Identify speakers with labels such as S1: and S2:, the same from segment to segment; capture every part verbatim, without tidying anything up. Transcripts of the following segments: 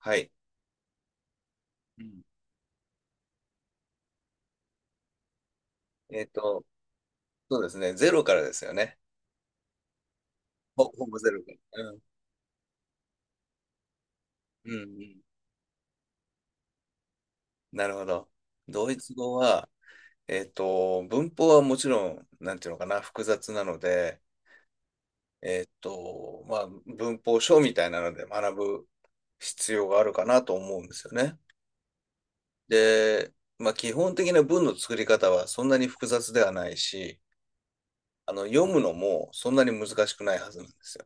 S1: はい。うん。えっと、そうですね。ゼロからですよね。ほ、ほぼゼロから。うん。うんうん。なるほど。ドイツ語は、えっと、文法はもちろん、なんていうのかな、複雑なので、えっと、まあ、文法書みたいなので学ぶ必要があるかなと思うんですよね。で、まあ、基本的な文の作り方はそんなに複雑ではないし、あの、読むのもそんなに難しくないはずなんですよ。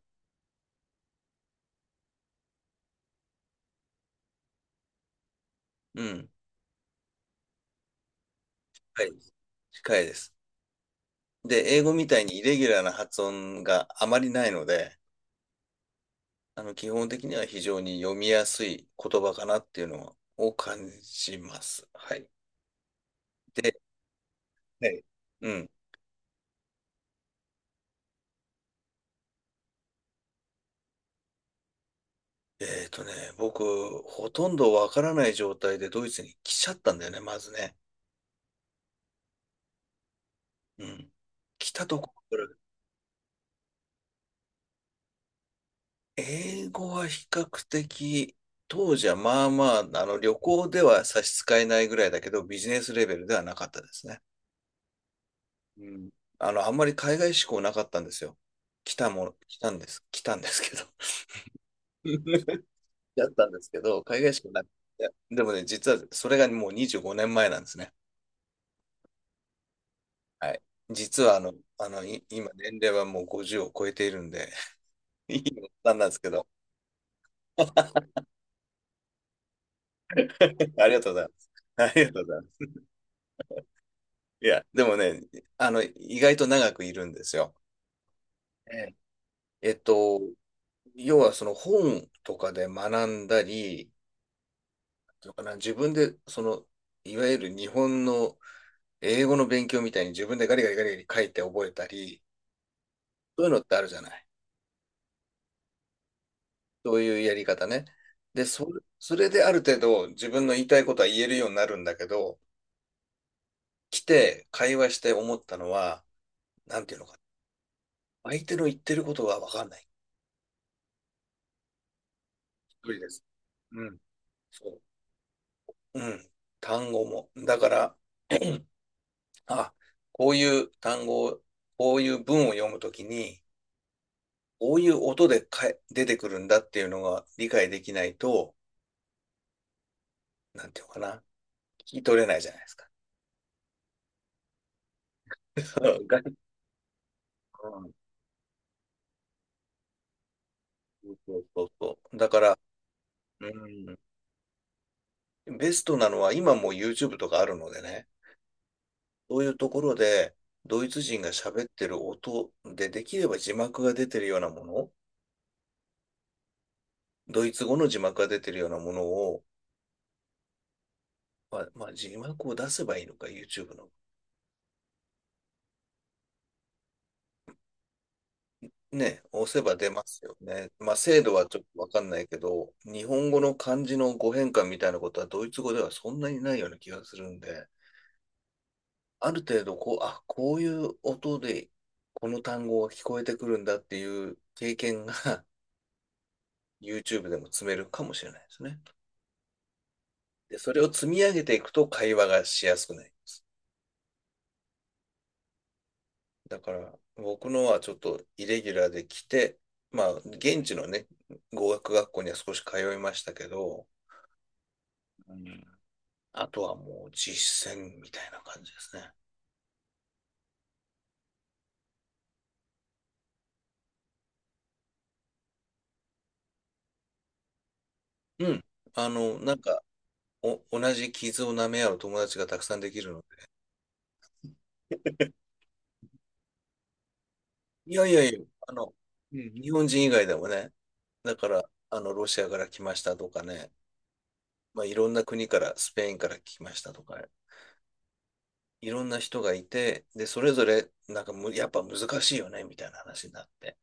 S1: うん。はい。近いです。で、英語みたいにイレギュラーな発音があまりないので、あの、基本的には非常に読みやすい言葉かなっていうのを感じます。はい。で、はい、うん。えっとね、僕、ほとんどわからない状態でドイツに来ちゃったんだよね、まずね。うん。来たところから、英語は比較的、当時はまあまあ、あの、旅行では差し支えないぐらいだけど、ビジネスレベルではなかったですね。うん。あの、あんまり海外志向なかったんですよ。来たもの、来たんです。来たんですけど。だったんですけど、海外志向なくて。でもね、実はそれがもうにじゅうごねんまえなんですね。はい。実はあの、あの、い今年齢はもうごじゅうを超えているんで、いいおっさんなんですけど。ありがとうございます。ありがとうございます。いや、でもね、あの、意外と長くいるんですよ。えええっと、要はその本とかで学んだり、のかな、自分で、その、いわゆる日本の英語の勉強みたいに自分でガリガリガリガリ書いて覚えたり、そういうのってあるじゃない。そういうやり方ね。で、そ、それである程度自分の言いたいことは言えるようになるんだけど、来て会話して思ったのは、なんていうのかな、相手の言ってることが分かんない。そうです。うん。そう。うん。単語も。だから、あ、こういう単語を、こういう文を読むときに、こういう音でかえ出てくるんだっていうのが理解できないと、なんていうのかな、聞き取れないじゃないですか。そうそうそうそう、だから、うん、ベストなのは今もう YouTube とかあるのでね、そういうところでドイツ人が喋ってる音でできれば字幕が出てるようなもの、ドイツ語の字幕が出てるようなものを、まあ、まあ字幕を出せばいいのか、YouTube の。ね、押せば出ますよね。まあ、精度はちょっとわかんないけど、日本語の漢字の語変換みたいなことはドイツ語ではそんなにないような気がするんで、ある程度こう、あ、こういう音でこの単語が聞こえてくるんだっていう経験が YouTube でも積めるかもしれないですね。で、それを積み上げていくと会話がしやすくなります。だから、僕のはちょっとイレギュラーで来て、まあ、現地のね、語学学校には少し通いましたけど、うん、あとはもう実践みたいな感じですね。うん。あの、なんか、お、同じ傷を舐め合う友達がたくさんできるので。いやいやいや、あの、うん、日本人以外でもね、だから、あの、ロシアから来ましたとかね、まあ、いろんな国から、スペインから来ましたとか、いろんな人がいて、で、それぞれ、なんかむ、やっぱ難しいよね、みたいな話になって。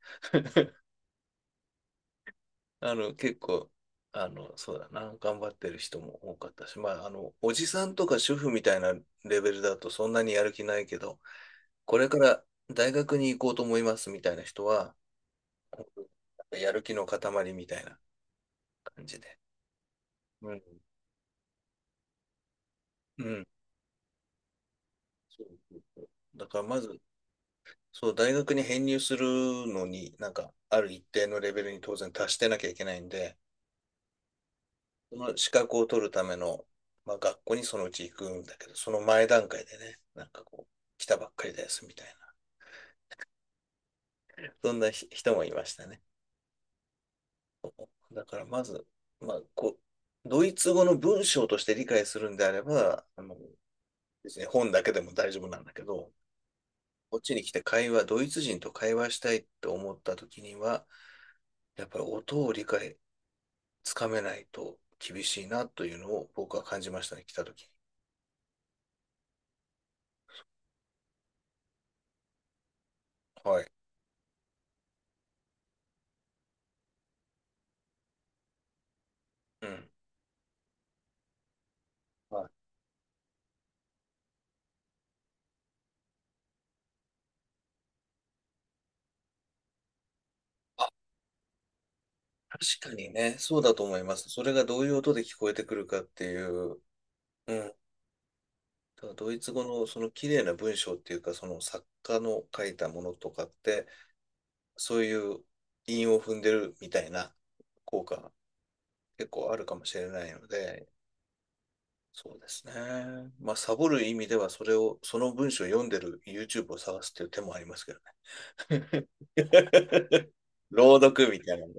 S1: あの、結構、あの、そうだな、頑張ってる人も多かったし、まあ、あの、おじさんとか主婦みたいなレベルだとそんなにやる気ないけど、これから大学に行こうと思いますみたいな人は、本当にやる気の塊みたいな感じで。うん。うん。そうそうそう、だからまず、そう、大学に編入するのに、なんか、ある一定のレベルに当然達してなきゃいけないんで、その資格を取るための、まあ、学校にそのうち行くんだけど、その前段階でね、なんかこう、来たばっかりですみたいな、そんな人もいましたね。だからまず、まあ、こう、ドイツ語の文章として理解するんであれば、あの、すね本だけでも大丈夫なんだけど、こっちに来て会話、ドイツ人と会話したいって思った時には、やっぱり音を理解、つかめないと厳しいなというのを僕は感じましたね、来た時に。はい。うん。はい。あ、確かにね、そうだと思います。それがどういう音で聞こえてくるかっていう、うん。ただドイツ語のその綺麗な文章っていうか、その作家の書いたものとかって、そういう韻を踏んでるみたいな効果が結構あるかもしれないので、そうですね。まあ、サボる意味では、それを、その文章を読んでる YouTube を探すっていう手もありますけどね。朗読みたいなね。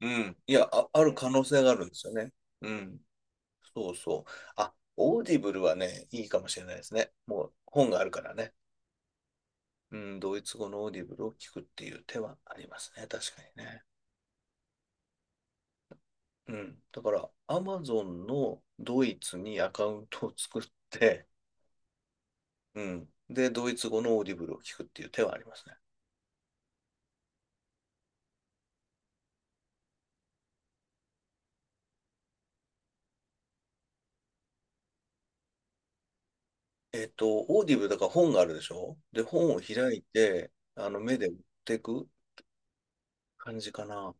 S1: うん。いや、あ、ある可能性があるんですよね。うん。そうそう。あ、オーディブルはね、いいかもしれないですね。もう本があるからね。うん、ドイツ語のオーディブルを聞くっていう手はありますね。確かにね。うん。だから、アマゾンのドイツにアカウントを作って、うん。で、ドイツ語のオーディブルを聞くっていう手はありますね。えっと、オーディブルだから本があるでしょ。で、本を開いて、あの、目で追っていく感じかな。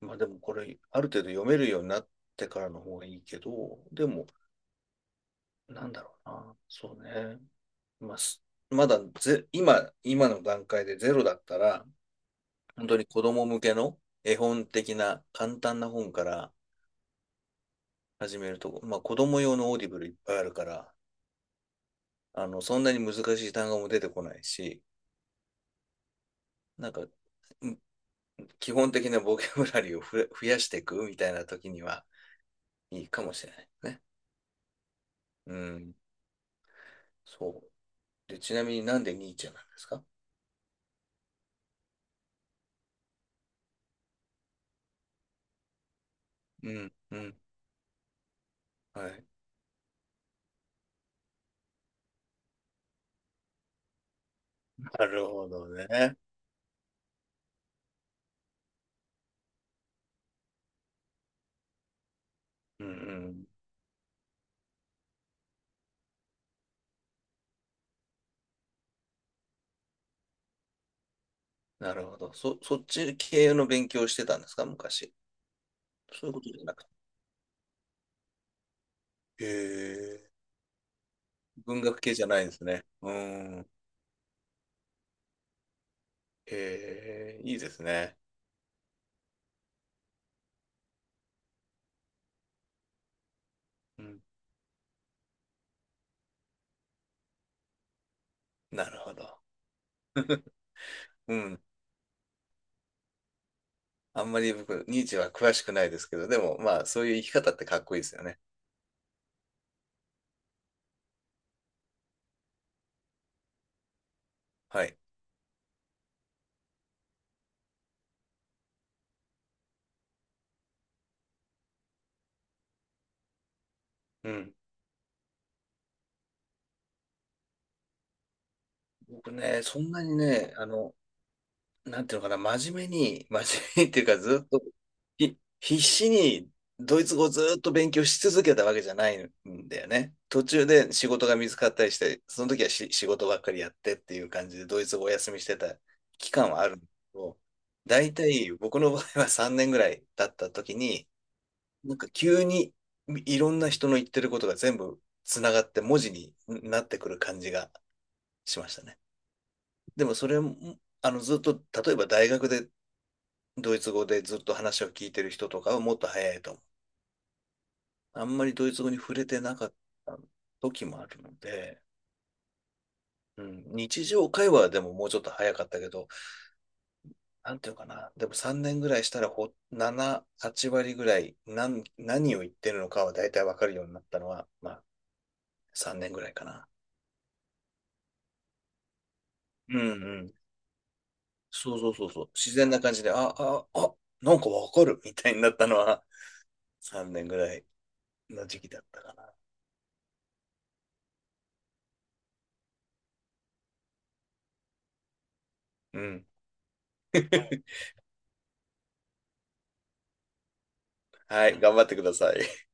S1: まあでもこれ、ある程度読めるようになってからの方がいいけど、でも、なんだろうな。そうね。まあ、すまだぜ、今、今、の段階でゼロだったら、本当に子供向けの絵本的な簡単な本から始めると、まあ子供用のオーディブルいっぱいあるから、あの、そんなに難しい単語も出てこないし、なんか、ん基本的なボキャブラリーをふ増やしていくみたいな時にはいいかもしれないね。うん、そう。で、ちなみになんでニーチェなんですか？うん、うん。はい。なるほどね。うん、うん。なるほど。そ、そっち系の勉強をしてたんですか、昔？そういうことじゃなくて。へえ。文学系じゃないんですね。うん。へえ、いいですね。うん。なるほど。うん。あんまり僕、ニーチェは詳しくないですけど、でもまあ、そういう生き方ってかっこいいですよね。はい。うん。僕ね、そんなにね、あの、なんていうのかな、真面目に、真面目に っていうか、ずっと、ひ必死にドイツ語をずっと勉強し続けたわけじゃないんだよね。途中で仕事が見つかったりして、その時はし仕事ばっかりやってっていう感じで、ドイツ語をお休みしてた期間はあるんだけど、大体僕の場合はさんねんぐらい経った時に、なんか急にいろんな人の言ってることが全部つながって文字になってくる感じがしましたね。でもそれも、あのずっと例えば大学でドイツ語でずっと話を聞いてる人とかはもっと早いと思う。あんまりドイツ語に触れてなかった時もあるので、うん、日常会話でももうちょっと早かったけど、なんていうかな、でもさんねんぐらいしたらほなな、はち割ぐらい何、何を言ってるのかは大体わかるようになったのは、まあさんねんぐらいかな。うんうん。そうそうそうそう。自然な感じで、あ、あ、あ、なんかわかるみたいになったのはさんねんぐらいの時期だったかな。うん。はい、頑張ってください。